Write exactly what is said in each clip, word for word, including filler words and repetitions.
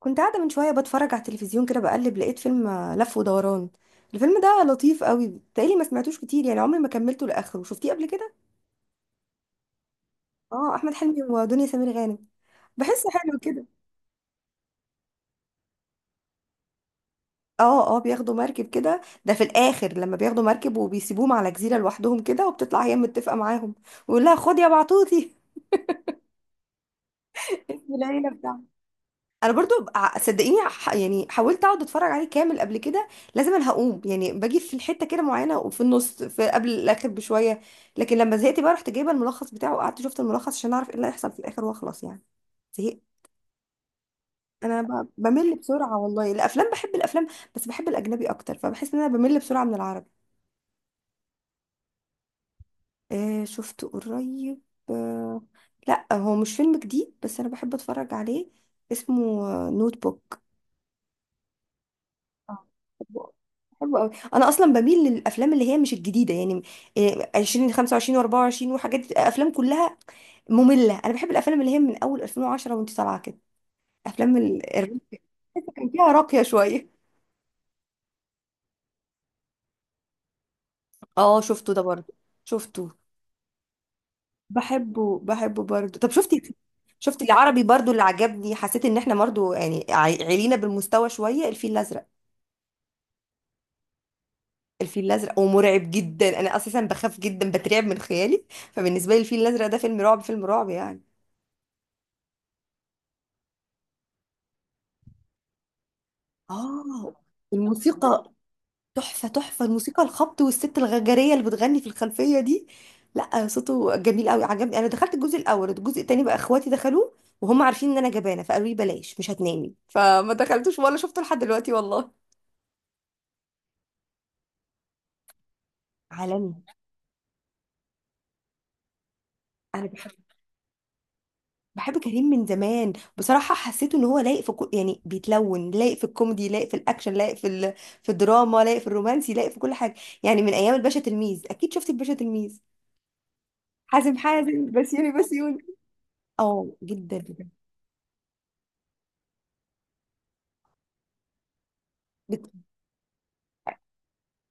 كنت قاعدة من شوية بتفرج على التلفزيون كده بقلب، لقيت فيلم آه، لف ودوران. الفيلم ده لطيف قوي، تقريبا ما سمعتوش كتير يعني، عمري ما كملته لآخره، شفتيه قبل كده؟ اه، احمد حلمي ودنيا سمير غانم. بحسه حلو كده. اه اه، بياخدوا مركب كده، ده في الاخر لما بياخدوا مركب وبيسيبوهم على جزيرة لوحدهم كده، وبتطلع هي متفقة معاهم ويقول لها خد يا بعطوتي. اسم العيلة بتاعها. انا برضو ع- صدقيني، ح- يعني حاولت اقعد اتفرج عليه كامل قبل كده، لازم انا هقوم يعني، باجي في الحته كده معينه، وفي النص، في قبل الاخر بشويه، لكن لما زهقت بقى رحت جايبه الملخص بتاعه، وقعدت شفت الملخص عشان اعرف ايه اللي هيحصل في الاخر واخلص يعني. زهقت. انا ب- بمل بسرعه والله. الافلام، بحب الافلام، بس بحب الاجنبي اكتر، فبحس ان انا بمل بسرعه من العربي. آه، شفت قريب. آه. لا هو مش فيلم جديد، بس انا بحب اتفرج عليه. اسمه نوت بوك. آه. حلو. حلو قوي. انا اصلا بميل للافلام اللي هي مش الجديده يعني، إيه، عشرين خمسة وعشرين و24 وحاجات، افلام كلها ممله. انا بحب الافلام اللي هي من اول ألفين وعشرة وانت طالعه كده، افلام ال- الرومانسية، كان فيها راقيه شويه. اه شفته ده برضه. شفته. بحبه بحبه برضه. طب شفتي، شفتي العربي برضه اللي عجبني؟ حسيت ان احنا برضه يعني عي- علينا بالمستوى شويه، الفيل الازرق. الفيل الازرق ومرعب جدا. انا اساسا بخاف جدا، بترعب من خيالي، فبالنسبه لي الفيل الازرق ده فيلم رعب، فيلم رعب يعني. اه. الموسيقى. تحفة تحفة الموسيقى، الخبط، والست الغجرية اللي بتغني في الخلفية دي. لا صوته جميل قوي، عجبني. انا دخلت الجزء الاول، الجزء التاني بقى اخواتي دخلوه، وهم عارفين ان انا جبانة فقالوا لي بلاش، مش هتنامي، فما دخلتوش ولا شفته لحد دلوقتي والله. عالمي. انا بحب، بحب كريم من زمان بصراحة. حسيته ان هو لايق في كل، يعني بيتلون، لايق في الكوميدي، لايق في الاكشن، لايق في ال... في الدراما، لايق في الرومانسي، لايق في كل حاجة. يعني من ايام الباشا تلميذ. اكيد شفتي الباشا تلميذ؟ حازم حازم بسيوني بسيوني اه، جدا جدا. بت-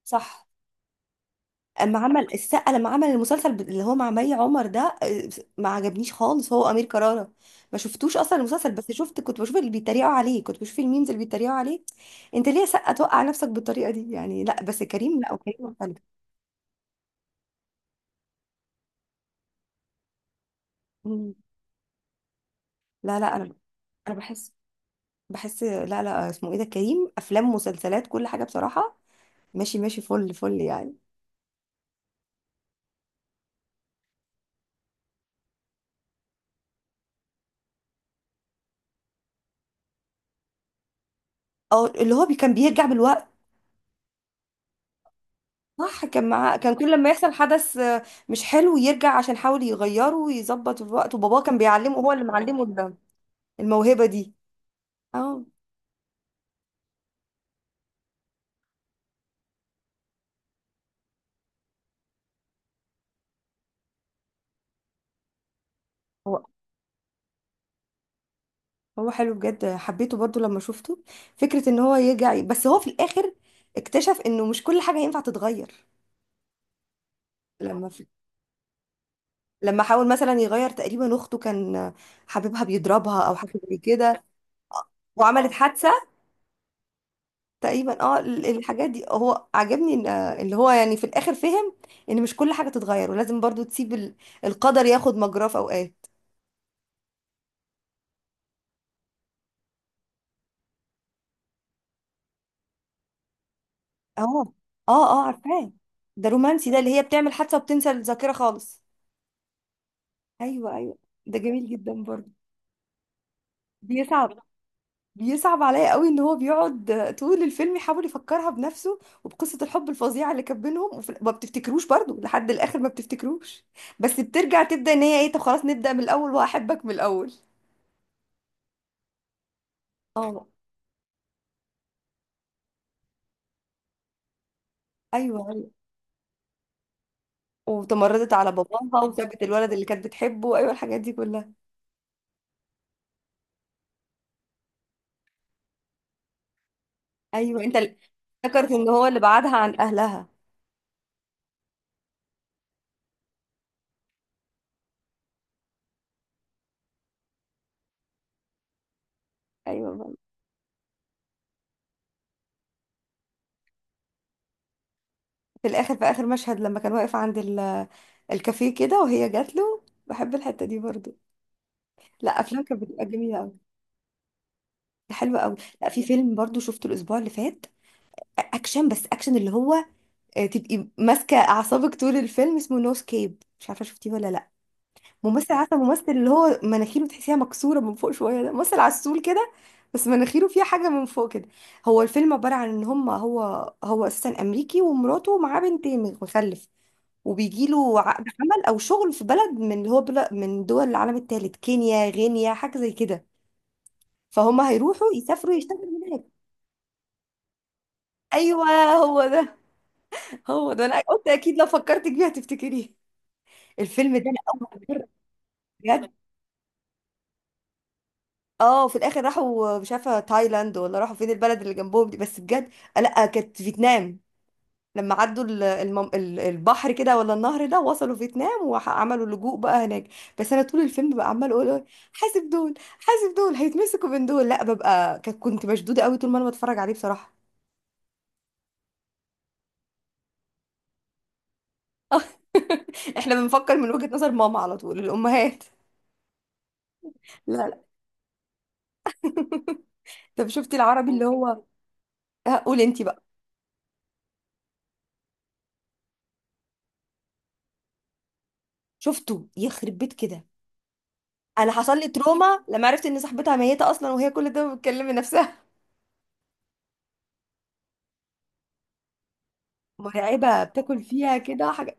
صح. اما عمل السقا، لما عمل المسلسل ب- اللي هو مع مي عمر ده، آه، ما عجبنيش خالص. هو امير كرارة. ما شفتوش اصلا المسلسل، بس شفت، كنت بشوف اللي بيتريقوا عليه، كنت بشوف الميمز اللي بيتريقوا عليه. انت ليه يا سقا توقع نفسك بالطريقه دي يعني؟ لا، بس كريم لا، وكريم مختلف. مم. لا لا، انا انا بحس بحس لا لا، اسمه ايه ده، كريم، افلام، مسلسلات، كل حاجه بصراحه. ماشي ماشي، فل فل يعني. اه اللي هو بي- كان بيرجع بالوقت. صح، كان معاه، كان كل لما يحصل حدث آه، مش حلو، يرجع عشان يحاول يغيره ويظبط الوقت. وباباه كان بيعلمه، هو اللي معلمه ال- الموهبة دي. اه. هو. هو حلو بجد، حبيته برضو لما شفته، فكرة ان هو يرجع. بس هو في الاخر اكتشف انه مش كل حاجة ينفع تتغير. لما في... لما حاول مثلا يغير تقريبا اخته، كان حبيبها بيضربها او حاجة زي كده، وعملت حادثة تقريبا. اه ال- الحاجات دي، هو عجبني ان اللي هو يعني في الاخر فهم ان مش كل حاجه تتغير، ولازم برضو تسيب ال- القدر ياخد مجراه في اوقات. اه. اه اه، عارفاه. ده رومانسي، ده اللي هي بتعمل حادثه وبتنسى الذاكره خالص. ايوه ايوه. ده جميل جدا برضو. بيصعب، بيصعب عليا قوي ان هو بيقعد طول الفيلم يحاول يفكرها بنفسه وبقصه الحب الفظيعه اللي كان بينهم، وفي- ما بتفتكروش برضو لحد الاخر، ما بتفتكروش. بس بترجع تبدا ان هي ايه، طب خلاص نبدا من الاول، وهحبك من الاول. اه. ايوه ايوه، وتمردت على باباها، وسابت الولد اللي كانت بتحبه، ايوه، الحاجات دي كلها. ايوه، انت اللي- افتكرت ان هو اللي بعدها عن اهلها. ايوه. في الاخر، في اخر مشهد لما كان واقف عند ال- الكافيه كده، وهي جات له. بحب الحته دي برضو. لا، افلام كانت بتبقى جميله قوي. حلوه قوي. لا، في فيلم برضو شفته الاسبوع اللي فات، اكشن، بس اكشن، اللي هو آه، تبقي ماسكه اعصابك طول الفيلم. اسمه نو سكيب، مش عارفه شفتيه ولا لا. ممثل، عارفه ممثل اللي هو مناخيره تحسيها مكسوره من فوق شويه؟ ده ممثل عسول كده، بس مناخيره فيها حاجه من فوق كده. هو الفيلم عباره عن ان هم، هو، هو اساسا امريكي، ومراته معاه بنتين، مخلف، وبيجي له عقد عمل او شغل في بلد من، اللي هو بلد من دول العالم الثالث، كينيا، غينيا، حاجه زي كده. فهم هيروحوا يسافروا يشتغلوا هناك. ايوه. هو ده، هو ده، انا قلت اكيد لو فكرتك بيه هتفتكريه. الفيلم ده انا اول مره. بجد. اه، في الاخر راحوا مش عارفه تايلاند ولا راحوا فين، البلد اللي جنبهم دي، بس بجد. آه، لا كانت فيتنام. لما عدوا ال- المم... ال- البحر كده، ولا النهر ده، وصلوا فيتنام وعملوا لجوء بقى هناك. بس انا طول الفيلم بقى عمال اقول حاسب دول، حاسب دول هيتمسكوا من دول. لا، ببقى، ك- كنت مشدوده قوي طول ما انا بتفرج عليه بصراحه. احنا بنفكر من وجهة نظر ماما على طول، الامهات. لا لا. طب شفتي العربي اللي هو، آه، قولي انت بقى. شفته. يخرب بيت كده. انا حصل لي تروما لما عرفت ان صاحبتها ميته اصلا، وهي كل ده بتكلم نفسها. مرعبة، بتاكل فيها كده حاجة.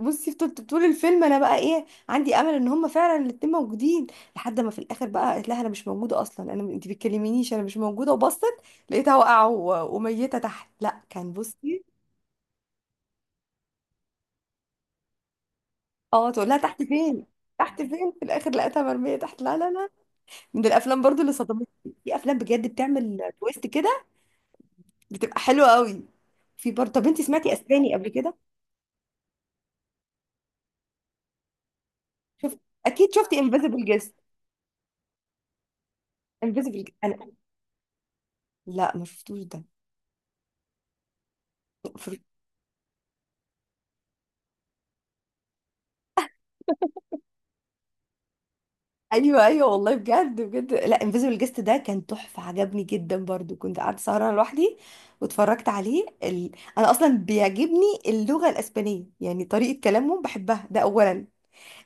بصي، طول طول الفيلم انا بقى ايه، عندي امل ان هم فعلا الاتنين موجودين، لحد ما في الاخر بقى قالت لها انا مش موجودة اصلا، انا انت بتكلمينيش، انا مش موجودة، وبصت لقيتها واقعة و- وميتة تحت. لا كان، بصي. اه، تقول لها تحت فين، تحت فين، في الاخر لقيتها مرمية تحت. لا لا لا. من الافلام برضو اللي صدمتني. في افلام بجد بتعمل تويست كده، بتبقى حلوة قوي. في برضه، طب انت سمعتي اسباني قبل كده؟ شفت. اكيد شفتي انفيزبل جيست؟ انفيزبل، انا، لا ما شفتوش ده. في- ايوه ايوه والله، بجد بجد. لا، انفيزبل جيست ده كان تحفه، عجبني جدا برضو، كنت قعدت سهرانه لوحدي واتفرجت عليه ال... انا اصلا بيعجبني اللغه الاسبانيه، يعني طريقه كلامهم بحبها، ده اولا.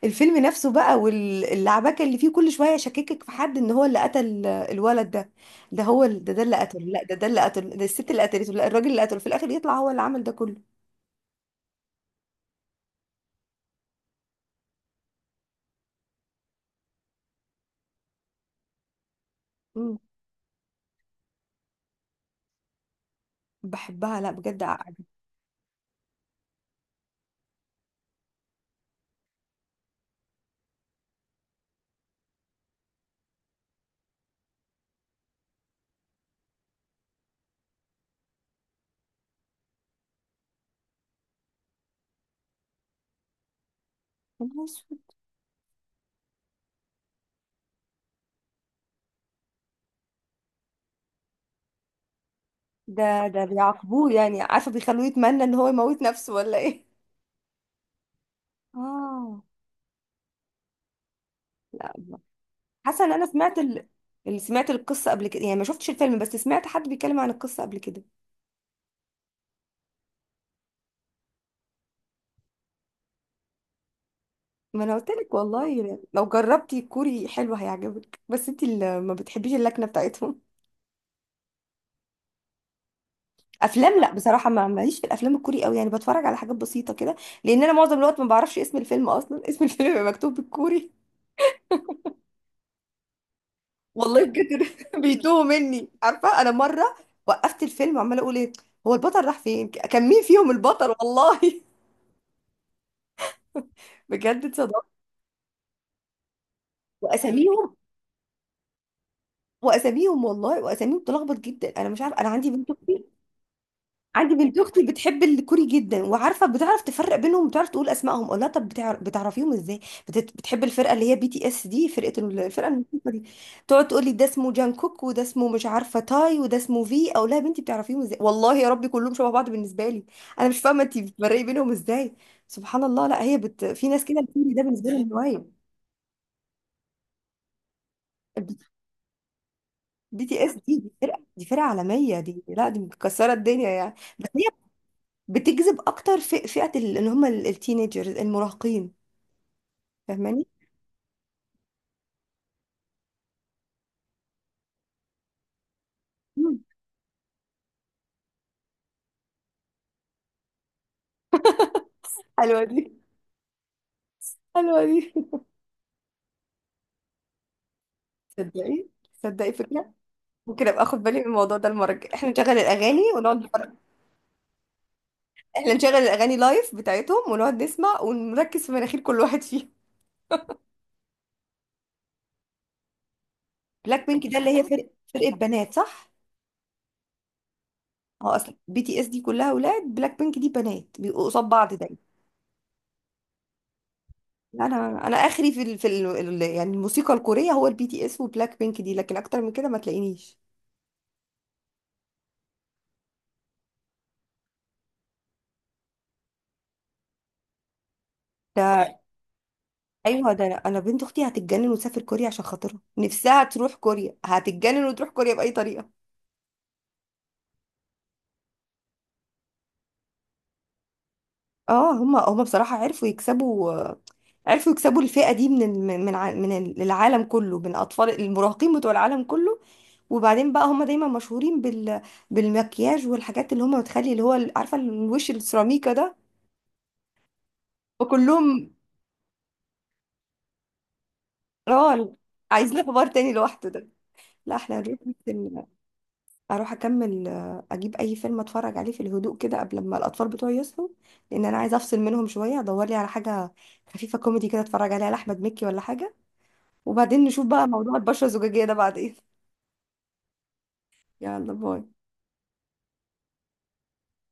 الفيلم نفسه بقى واللعبكه اللي فيه، كل شويه يشككك في حد ان هو اللي قتل الولد ده، ده هو ال... ده، ده اللي قتله، لا ده، ده اللي قتله، ده الست اللي قتلته، لا الراجل اللي قتله، في الاخر يطلع هو اللي عمل ده كله. مم. بحبها، لا بجد. عجبتني. ده، ده بيعاقبوه يعني، عارفة بيخلوه يتمنى ان هو يموت نفسه ولا ايه؟ اه. لا. حاسة ان انا سمعت ال... اللي، سمعت القصة قبل كده يعني، ما شفتش الفيلم بس سمعت حد بيتكلم عن القصة قبل كده. ما انا قلت لك والله، لو جربتي كوري حلو هيعجبك، بس انت اللي ما بتحبيش اللكنة بتاعتهم. افلام، لا بصراحة ما ماليش في الافلام الكوري قوي، يعني بتفرج على حاجات بسيطة كده، لان انا معظم الوقت ما بعرفش اسم الفيلم اصلا، اسم الفيلم بيبقى مكتوب بالكوري والله بجد. بيتوه مني. عارفه انا مره وقفت الفيلم عماله اقول ايه، هو البطل راح فين، كان مين فيهم البطل والله. بجد اتصدمت. واساميهم، واساميهم والله، واساميهم بتلخبط جدا. انا مش عارفه، انا عندي بنت، عندي بنت اختي بتحب الكوري جدا وعارفه، بتعرف تفرق بينهم، بتعرف تقول اسمائهم. اقول لها طب بتعر- بتعرفيهم ازاي؟ بتت- بتحب الفرقه اللي هي بي تي اس دي، فرقه ال- الفرقه الموسيقى دي. تقعد تقول لي ده اسمه جانكوك، وده اسمه مش عارفه تاي، وده اسمه، في، اقول لها يا بنتي بتعرفيهم ازاي والله يا ربي؟ كلهم شبه بعض بالنسبه لي. انا مش فاهمه انت بتفرقي بينهم ازاي. سبحان الله. لا هي بت... في ناس كده الكوري ده بالنسبه لهم هوايه. بي تي اس دي، دي فرقه، دي فرقه عالميه دي، لا دي مكسره الدنيا يعني، بس بتجذب اكتر في فئة ال- اللي هم ال- التينيجرز، المراهقين. فاهماني؟ مم. حلوة دي، حلوة دي. تصدقي، تصدقي فكرة. ممكن ابقى اخد بالي من الموضوع ده المرة الجاية، احنا نشغل الاغاني ونقعد نتفرج. احنا نشغل الاغاني لايف بتاعتهم ونقعد نسمع، ونركز في مناخير كل واحد فيهم. بلاك بينك ده اللي هي فرق فرقة بنات، صح؟ اه، اصل بي تي اس دي كلها اولاد، بلاك بينك دي بنات، بيبقوا قصاد بعض دايما. انا انا اخري في ال... في ال... ال- يعني الموسيقى الكورية، هو البي تي اس وبلاك بينك دي، لكن اكتر من كده ما تلاقينيش. ده ايوه، ده انا، أنا بنت اختي هتتجنن وتسافر كوريا، عشان خاطرها نفسها تروح كوريا، هتتجنن وتروح كوريا باي طريقه. اه، هما هما بصراحه، عرفوا يكسبوا. عرفوا يكسبوا الفئه دي من ال- من من ع- من العالم كله، من اطفال، المراهقين بتوع العالم كله. وبعدين بقى، هما دايما مشهورين بال، بالمكياج والحاجات اللي هما بتخلي اللي هو ال- عارفه الوش السيراميكا ده، وكلهم. اه، عايزين حوار تاني لوحده ده. لا، احنا هنروح. اروح اكمل، آه، اجيب اي فيلم اتفرج عليه في الهدوء كده قبل ما الاطفال بتوعي يصحوا، لان انا عايزه افصل منهم شويه، ادور لي على حاجه خفيفه كوميدي كده اتفرج عليها لاحمد مكي ولا حاجه، وبعدين نشوف بقى موضوع البشره الزجاجيه ده بعدين. يلا، باي.